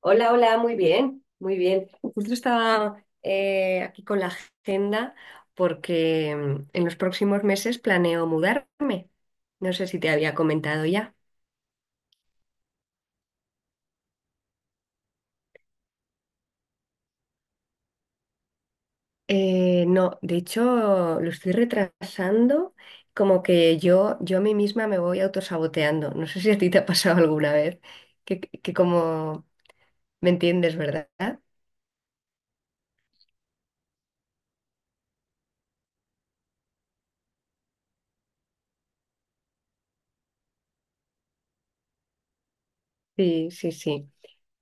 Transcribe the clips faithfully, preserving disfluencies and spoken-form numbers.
Hola, hola, muy bien, muy bien. Justo estaba eh, aquí con la agenda porque mm, en los próximos meses planeo mudarme. No sé si te había comentado ya. Eh, no, de hecho lo estoy retrasando, como que yo, yo a mí misma me voy autosaboteando. No sé si a ti te ha pasado alguna vez, que, que como me entiendes, ¿verdad? Sí, sí, sí.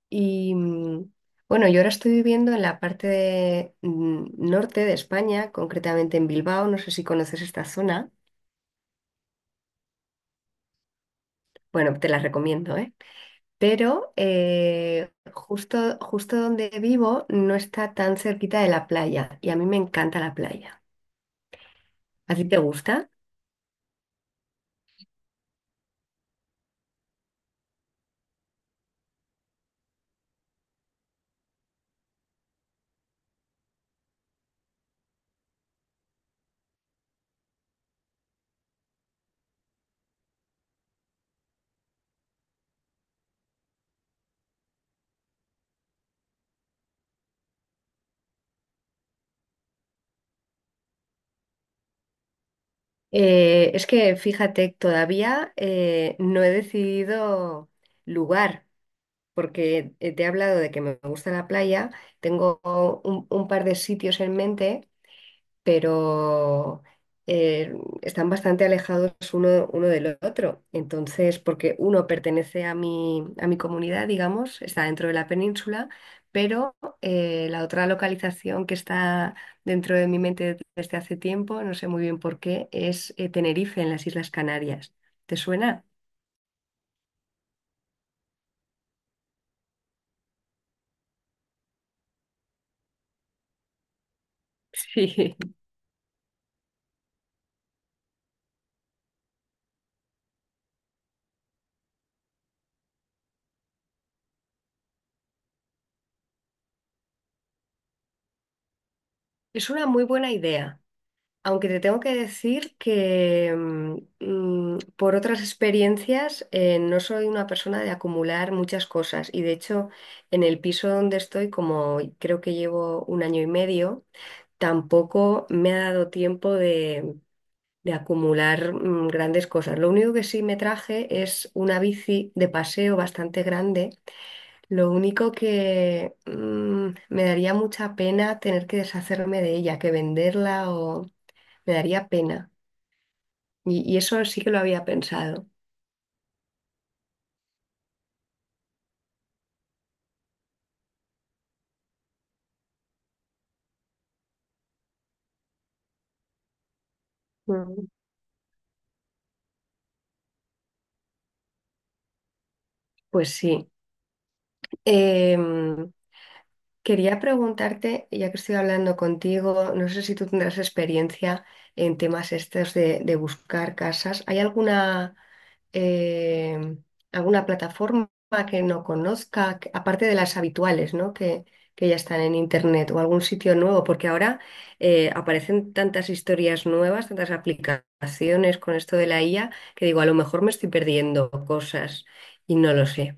Y mm, bueno, yo ahora estoy viviendo en la parte de, mm, norte de España, concretamente en Bilbao. No sé si conoces esta zona. Bueno, te la recomiendo, ¿eh? Pero eh, justo, justo donde vivo no está tan cerquita de la playa y a mí me encanta la playa. ¿A ti te gusta? Eh, es que fíjate, todavía eh, no he decidido lugar, porque eh, te he hablado de que me gusta la playa, tengo un un par de sitios en mente pero eh, están bastante alejados uno, uno del otro. Entonces, porque uno pertenece a mi, a mi comunidad, digamos, está dentro de la península, pero eh, la otra localización que está dentro de mi mente desde hace tiempo, no sé muy bien por qué, es eh, Tenerife, en las Islas Canarias. ¿Te suena? Sí, es una muy buena idea. Aunque te tengo que decir que mm, mm, por otras experiencias eh, no soy una persona de acumular muchas cosas y de hecho en el piso donde estoy, como creo que llevo un año y medio, tampoco me ha dado tiempo de, de acumular mm, grandes cosas. Lo único que sí me traje es una bici de paseo bastante grande. Lo único que mm, me daría mucha pena tener que deshacerme de ella, que venderla o me daría pena. Y, y eso sí que lo había pensado. Mm. Pues sí. Em, Quería preguntarte, ya que estoy hablando contigo, no sé si tú tendrás experiencia en temas estos de, de buscar casas. ¿Hay alguna... eh, alguna plataforma que no conozca, que- aparte de las habituales, ¿no? Que, que ya están en internet o algún sitio nuevo, porque ahora eh, aparecen tantas historias nuevas, tantas aplicaciones con esto de la I A, que digo, a lo mejor me estoy perdiendo cosas y no lo sé.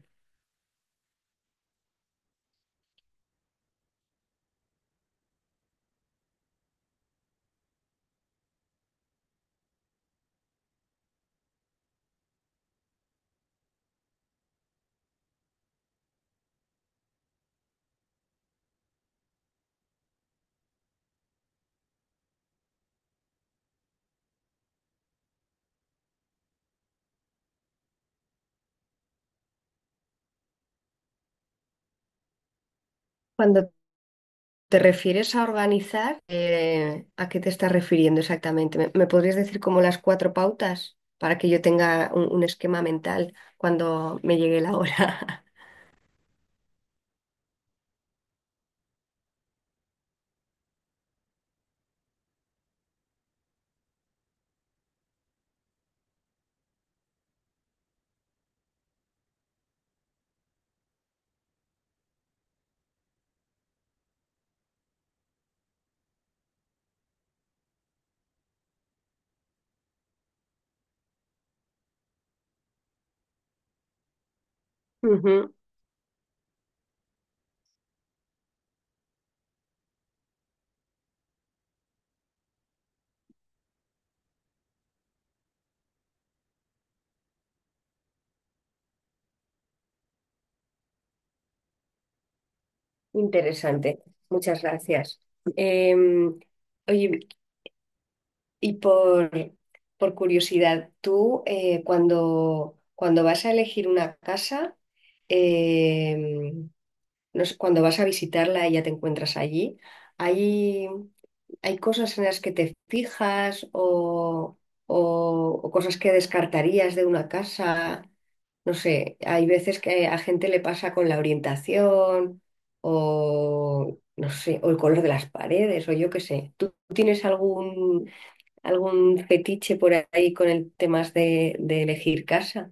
Cuando te refieres a organizar, eh, ¿a qué te estás refiriendo exactamente? ¿Me, me podrías decir como las cuatro pautas para que yo tenga un un esquema mental cuando me llegue la hora? Ujú. Interesante, muchas gracias. Em, Oye, y por, por curiosidad, tú eh, cuando, cuando vas a elegir una casa, em, no sé, cuando vas a visitarla y ya te encuentras allí, hay, hay cosas en las que te fijas o, o- o cosas que descartarías de una casa. No sé, hay veces que a gente le pasa con la orientación o, no sé, o el color de las paredes o yo qué sé. ¿Tú tienes algún, algún fetiche por ahí con el tema de, de elegir casa?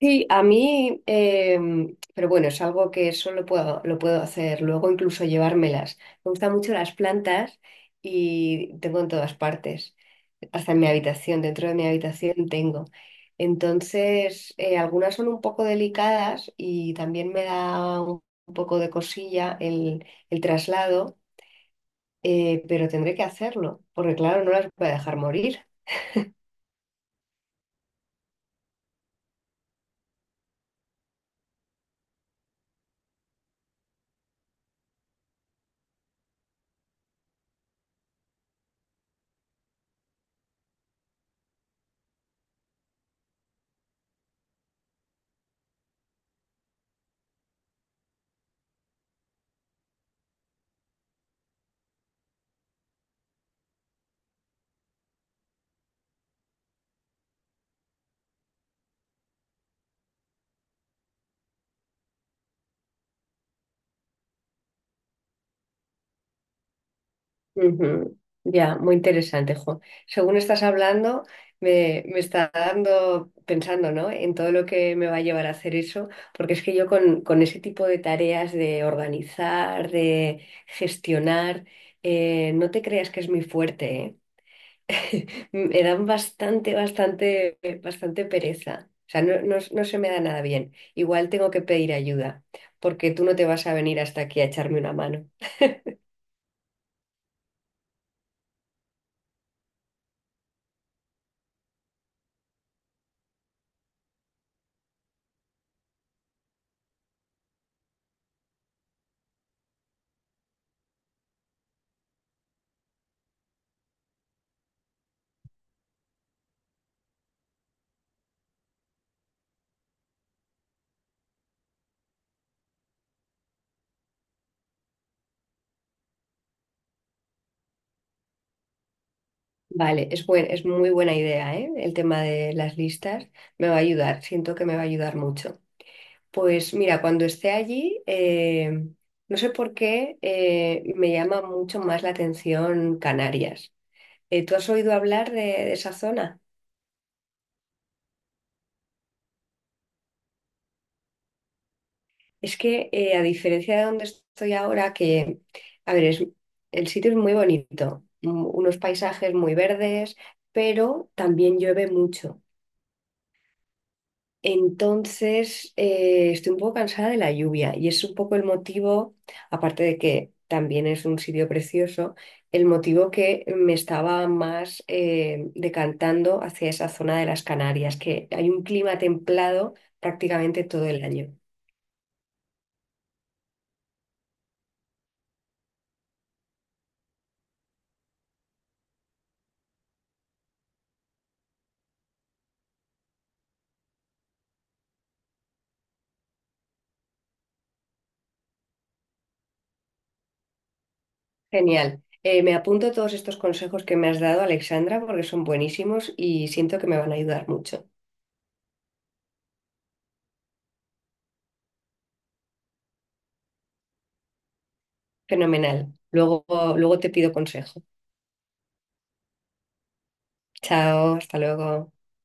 Sí, a mí, em, pero bueno, es algo que solo puedo, lo puedo hacer, luego incluso llevármelas. Me gustan mucho las plantas y tengo en todas partes, hasta en mi habitación, dentro de mi habitación tengo. Entonces, eh, algunas son un poco delicadas y también me da un, un poco de cosilla el, el traslado, eh, pero tendré que hacerlo, porque claro, no las voy a dejar morir. Ujú. Ya, muy interesante, jo. Según estás hablando, me, me está dando, pensando, ¿no? En todo lo que me va a llevar a hacer eso, porque es que yo con, con ese tipo de tareas de organizar, de gestionar, eh, no te creas que es muy fuerte, ¿eh? Me dan bastante, bastante, bastante pereza. O sea, no, no, no se me da nada bien. Igual tengo que pedir ayuda, porque tú no te vas a venir hasta aquí a echarme una mano. Vale, es buen- es muy buena idea, ¿eh? El tema de las listas me va a ayudar, siento que me va a ayudar mucho. Pues mira, cuando esté allí, eh, no sé por qué eh, me llama mucho más la atención Canarias. Eh, ¿tú has oído hablar de, de esa zona? Es que eh, a diferencia de donde estoy ahora, que, a ver, es- el sitio es muy bonito, mm, unos paisajes muy verdes, pero también llueve mucho. Entonces, eh, estoy un poco cansada de la lluvia y es un poco el motivo, aparte de que también es un sitio precioso, el motivo que me estaba más eh, decantando hacia esa zona de las Canarias, que hay un clima templado prácticamente todo el año. Genial. Eh, me apunto todos estos consejos que me has dado, Alexandra, porque son buenísimos y siento que me van a ayudar mucho. Fenomenal. Luego, luego te pido consejo. Chao, hasta luego.